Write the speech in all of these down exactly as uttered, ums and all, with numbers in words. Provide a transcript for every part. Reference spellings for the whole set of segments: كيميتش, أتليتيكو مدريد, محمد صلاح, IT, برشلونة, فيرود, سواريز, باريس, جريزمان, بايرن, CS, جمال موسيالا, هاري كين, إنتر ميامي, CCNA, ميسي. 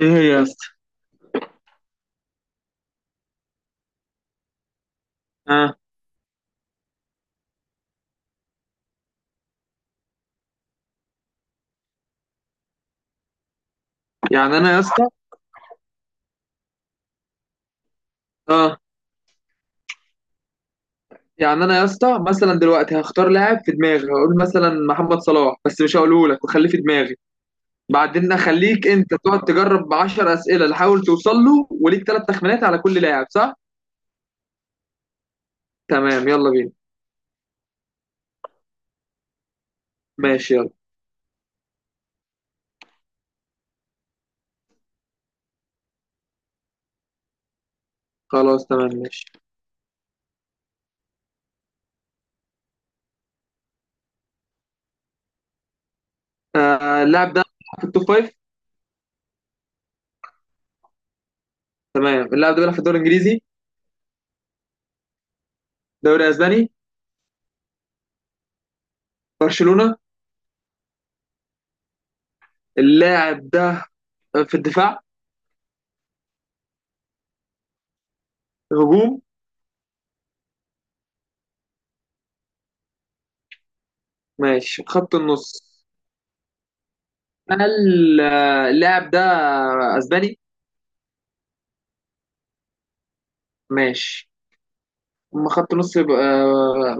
ايه هي يا اسطى؟ اه. يعني انا يا اسطى اه. يعني انا يا اسطى، مثلا دلوقتي هختار لاعب في دماغي، هقول مثلا محمد صلاح بس مش هقوله لك وخليه في دماغي. بعدين اخليك انت تقعد تجرب عشر اسئله تحاول توصل له، وليك ثلاث تخمينات على كل لاعب، صح؟ تمام، يلا بينا. ماشي يلا. خلاص تمام ماشي. آه، اللاعب ده بيلعب في التوب فايف. تمام، اللاعب ده بيلعب في الدوري الانجليزي. دوري اسباني. برشلونه. اللاعب ده في الدفاع. هجوم. ماشي، خط النص. انا ال- اللاعب ده اسباني. ماشي. اما خط نص يبقى،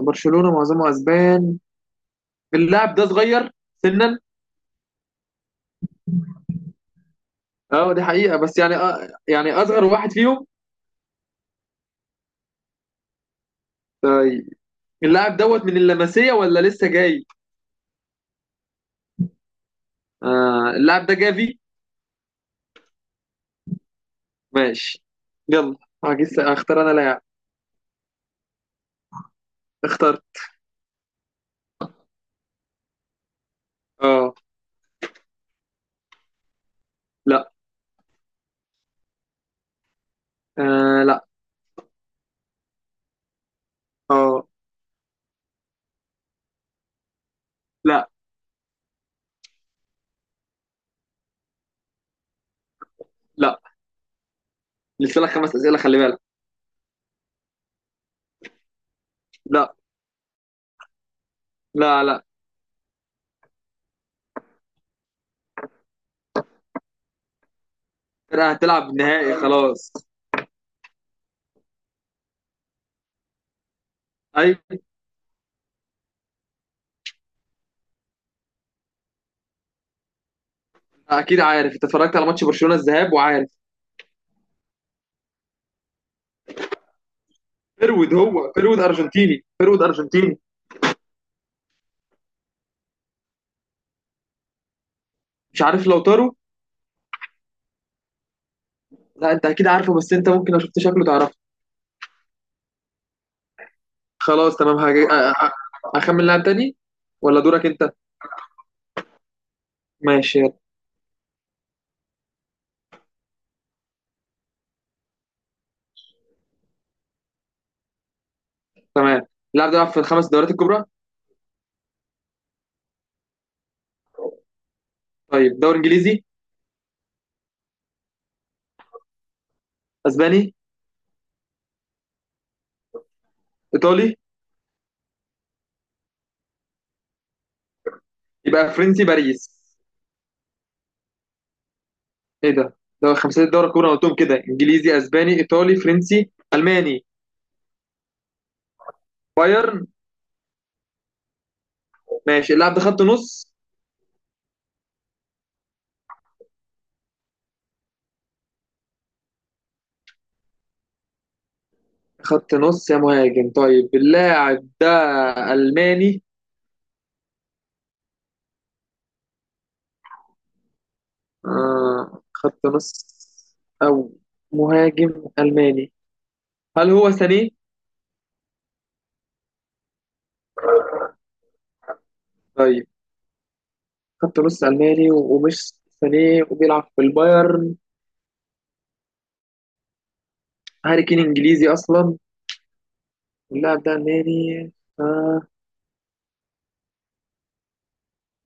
برشلونة معظمه اسبان. اللاعب ده صغير سنا. اه دي حقيقة، بس يعني آه يعني اصغر واحد فيهم. اللاعب دوت من اللمسية ولا لسه جاي؟ آه، اللاعب ده جافي. ماشي يلا، هجيس. اختار انا لاعب. اختار. اه. لا. آه لا. اه. لا لا، لسه لك خمس اسئلة، خلي بالك. لا لا. لا. أنا هتلعب نهائي خلاص. ايوه. اكيد عارف، انت اتفرجت على ماتش برشلونه الذهاب وعارف. فيرود، هو فيرود ارجنتيني، فيرود ارجنتيني. مش عارف، لو تارو. لا، انت اكيد عارفه، بس انت ممكن لو شفت شكله تعرفه. خلاص تمام، هجي... أ- أ- اخمن لاعب تاني. ولا دورك انت؟ ماشي يلا. تمام، اللاعب ده بيلعب في الخمس دوريات الكبرى. طيب، دوري انجليزي. اسباني. ايطالي. يبقى فرنسي، باريس. ايه ده، ده خمسة الدوري الكبرى أنا قلتهم كده: انجليزي، اسباني، ايطالي، فرنسي، الماني. بايرن. ماشي، اللاعب ده خط نص. خط نص يا مهاجم. طيب اللاعب ده ألماني. آه، خط نص أو مهاجم ألماني. هل هو ساني؟ طيب، خط نص ألماني و- ومش ساني وبيلعب في البايرن. هاري كين إنجليزي أصلا. اللاعب ده ألماني. آه،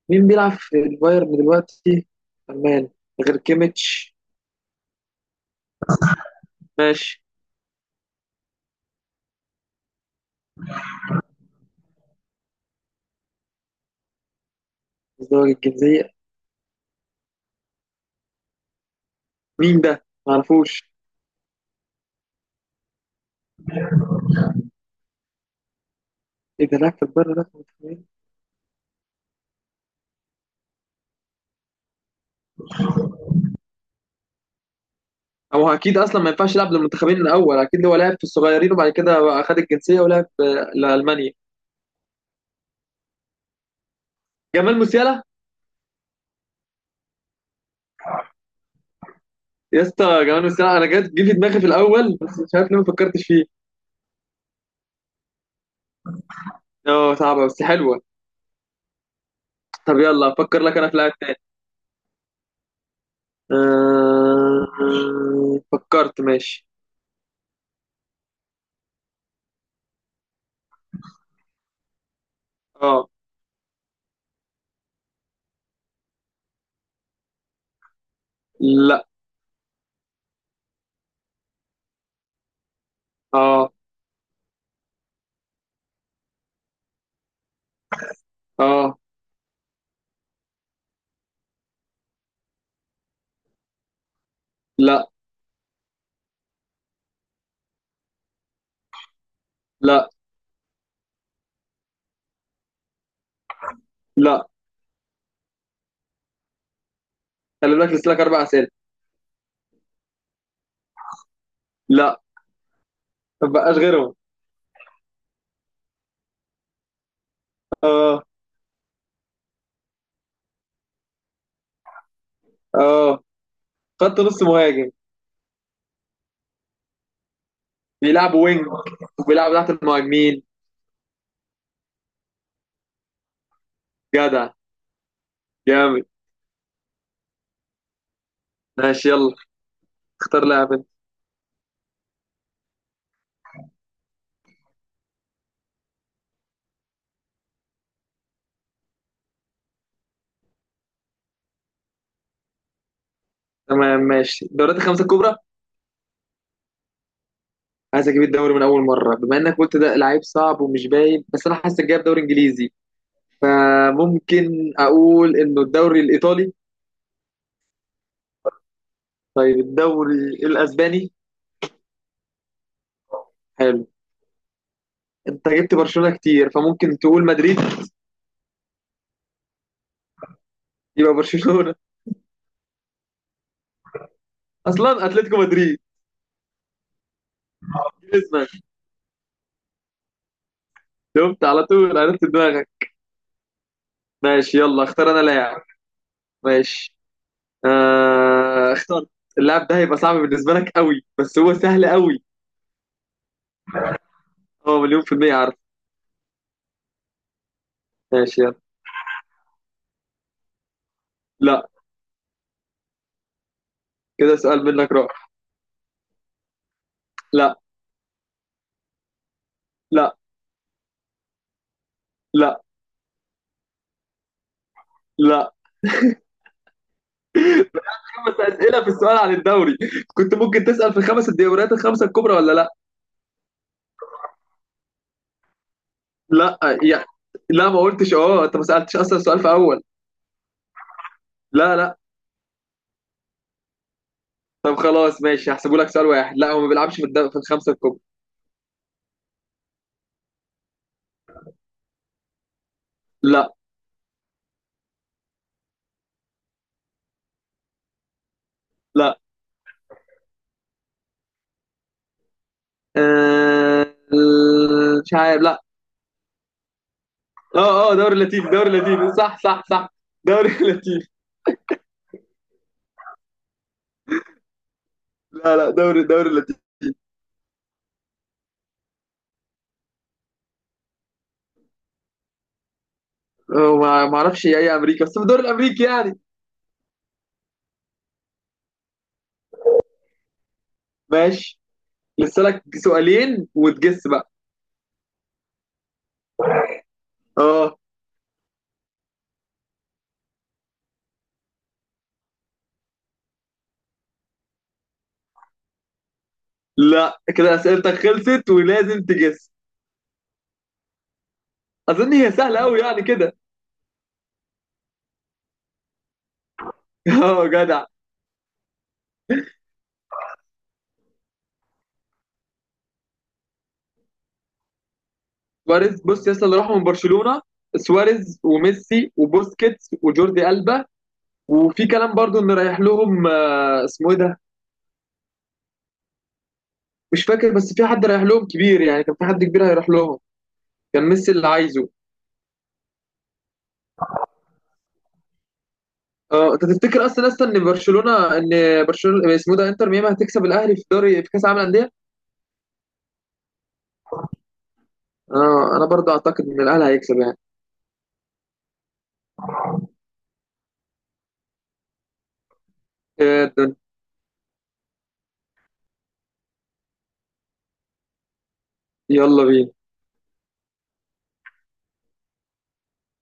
مين بيلعب في البايرن دلوقتي؟ ألماني غير كيميتش. ماشي. ازدواج الجنسية. مين ده؟ معرفوش. إيه ده، لاعب في البايرن ده. هو اكيد اصلا ما ينفعش يلعب للمنتخبين الاول، اكيد هو لعب في الصغيرين وبعد كده بقى خد الجنسيه ولعب في لالمانيا. جمال موسيالا. يا اسطى جمال موسيالا، انا جت جه في دماغي في الاول بس مش عارف ليه ما فكرتش فيه. اه صعبه بس حلوه. طب يلا افكر لك انا في لاعب تاني. أه... فكرت، ماشي. اه. لا. اه. اه. لا. لا. لا، خلي بالك لسه لك اربع اسئله. لا، ما بقاش غيرهم. اه. اه، خط نص مهاجم، بيلعبوا وينج وبيلعبوا تحت المهاجمين. جدع، جامد. ماشي يلا، اختار لاعب انت. تمام ماشي، دوريات الخمسة الكبرى. عايز اجيب الدوري من اول مرة، بما انك قلت ده لعيب صعب ومش باين، بس انا حاسس جايب دوري انجليزي، فممكن اقول انه الدوري الايطالي. طيب، الدوري الاسباني. حلو. انت جبت برشلونة كتير، فممكن تقول مدريد. يبقى برشلونة. اصلا اتلتيكو مدريد. جريزمان. شفت، على طول عرفت دماغك. ماشي يلا، اختار انا لاعب. ماشي. آه، اختار. اللاعب ده هيبقى صعب بالنسبة لك قوي، بس هو سهل قوي. هو مليون في المية عارف. ماشي يلا. لا. كده سؤال منك راح. لا. لا. لا. لا. خمس أسئلة في السؤال عن الدوري؟ كنت ممكن تسأل في خمس الدوريات الخمسة الكبرى ولا لا. لا يعني، لا ما قلتش اه، انت ما سألتش اصلا السؤال في اول. لا لا. طب خلاص، ماشي، هحسبه لك سؤال واحد، لا هو ما بيلعبش في الد- في الخمسة الكبرى. لا لا. آه... مش عارف، لا. اه اه، دوري لاتيني، دوري لاتيني، صح صح صح. دوري لاتيني. لا لا، دوري دوري لاتيني. آه، ما ما اعرفش اي امريكا، بس في الدوري الامريكي يعني. ماشي، لسه لك سؤالين وتجس بقى. اه. لا، كده اسئلتك خلصت ولازم تجس. اظن هي سهله قوي يعني كده. اه، جدع. سواريز، بص يا اسطى اللي راحوا من برشلونه: سواريز وميسي وبوسكيتس وجوردي ألبا. وفي كلام برضو ان رايح لهم، آه، اسمه ايه ده، مش فاكر، بس في حد رايح لهم كبير يعني، كان في حد كبير هيروح لهم، كان ميسي اللي عايزه. اه انت تفتكر اصلا اصلا ان برشلونه ان برشلونه اسمه إيه ده، انتر ميامي هتكسب الاهلي في دوري في كاس العالم للانديه. اه انا برضه اعتقد ان الاهلي هيكسب يعني. إيه ده؟ يلا بينا.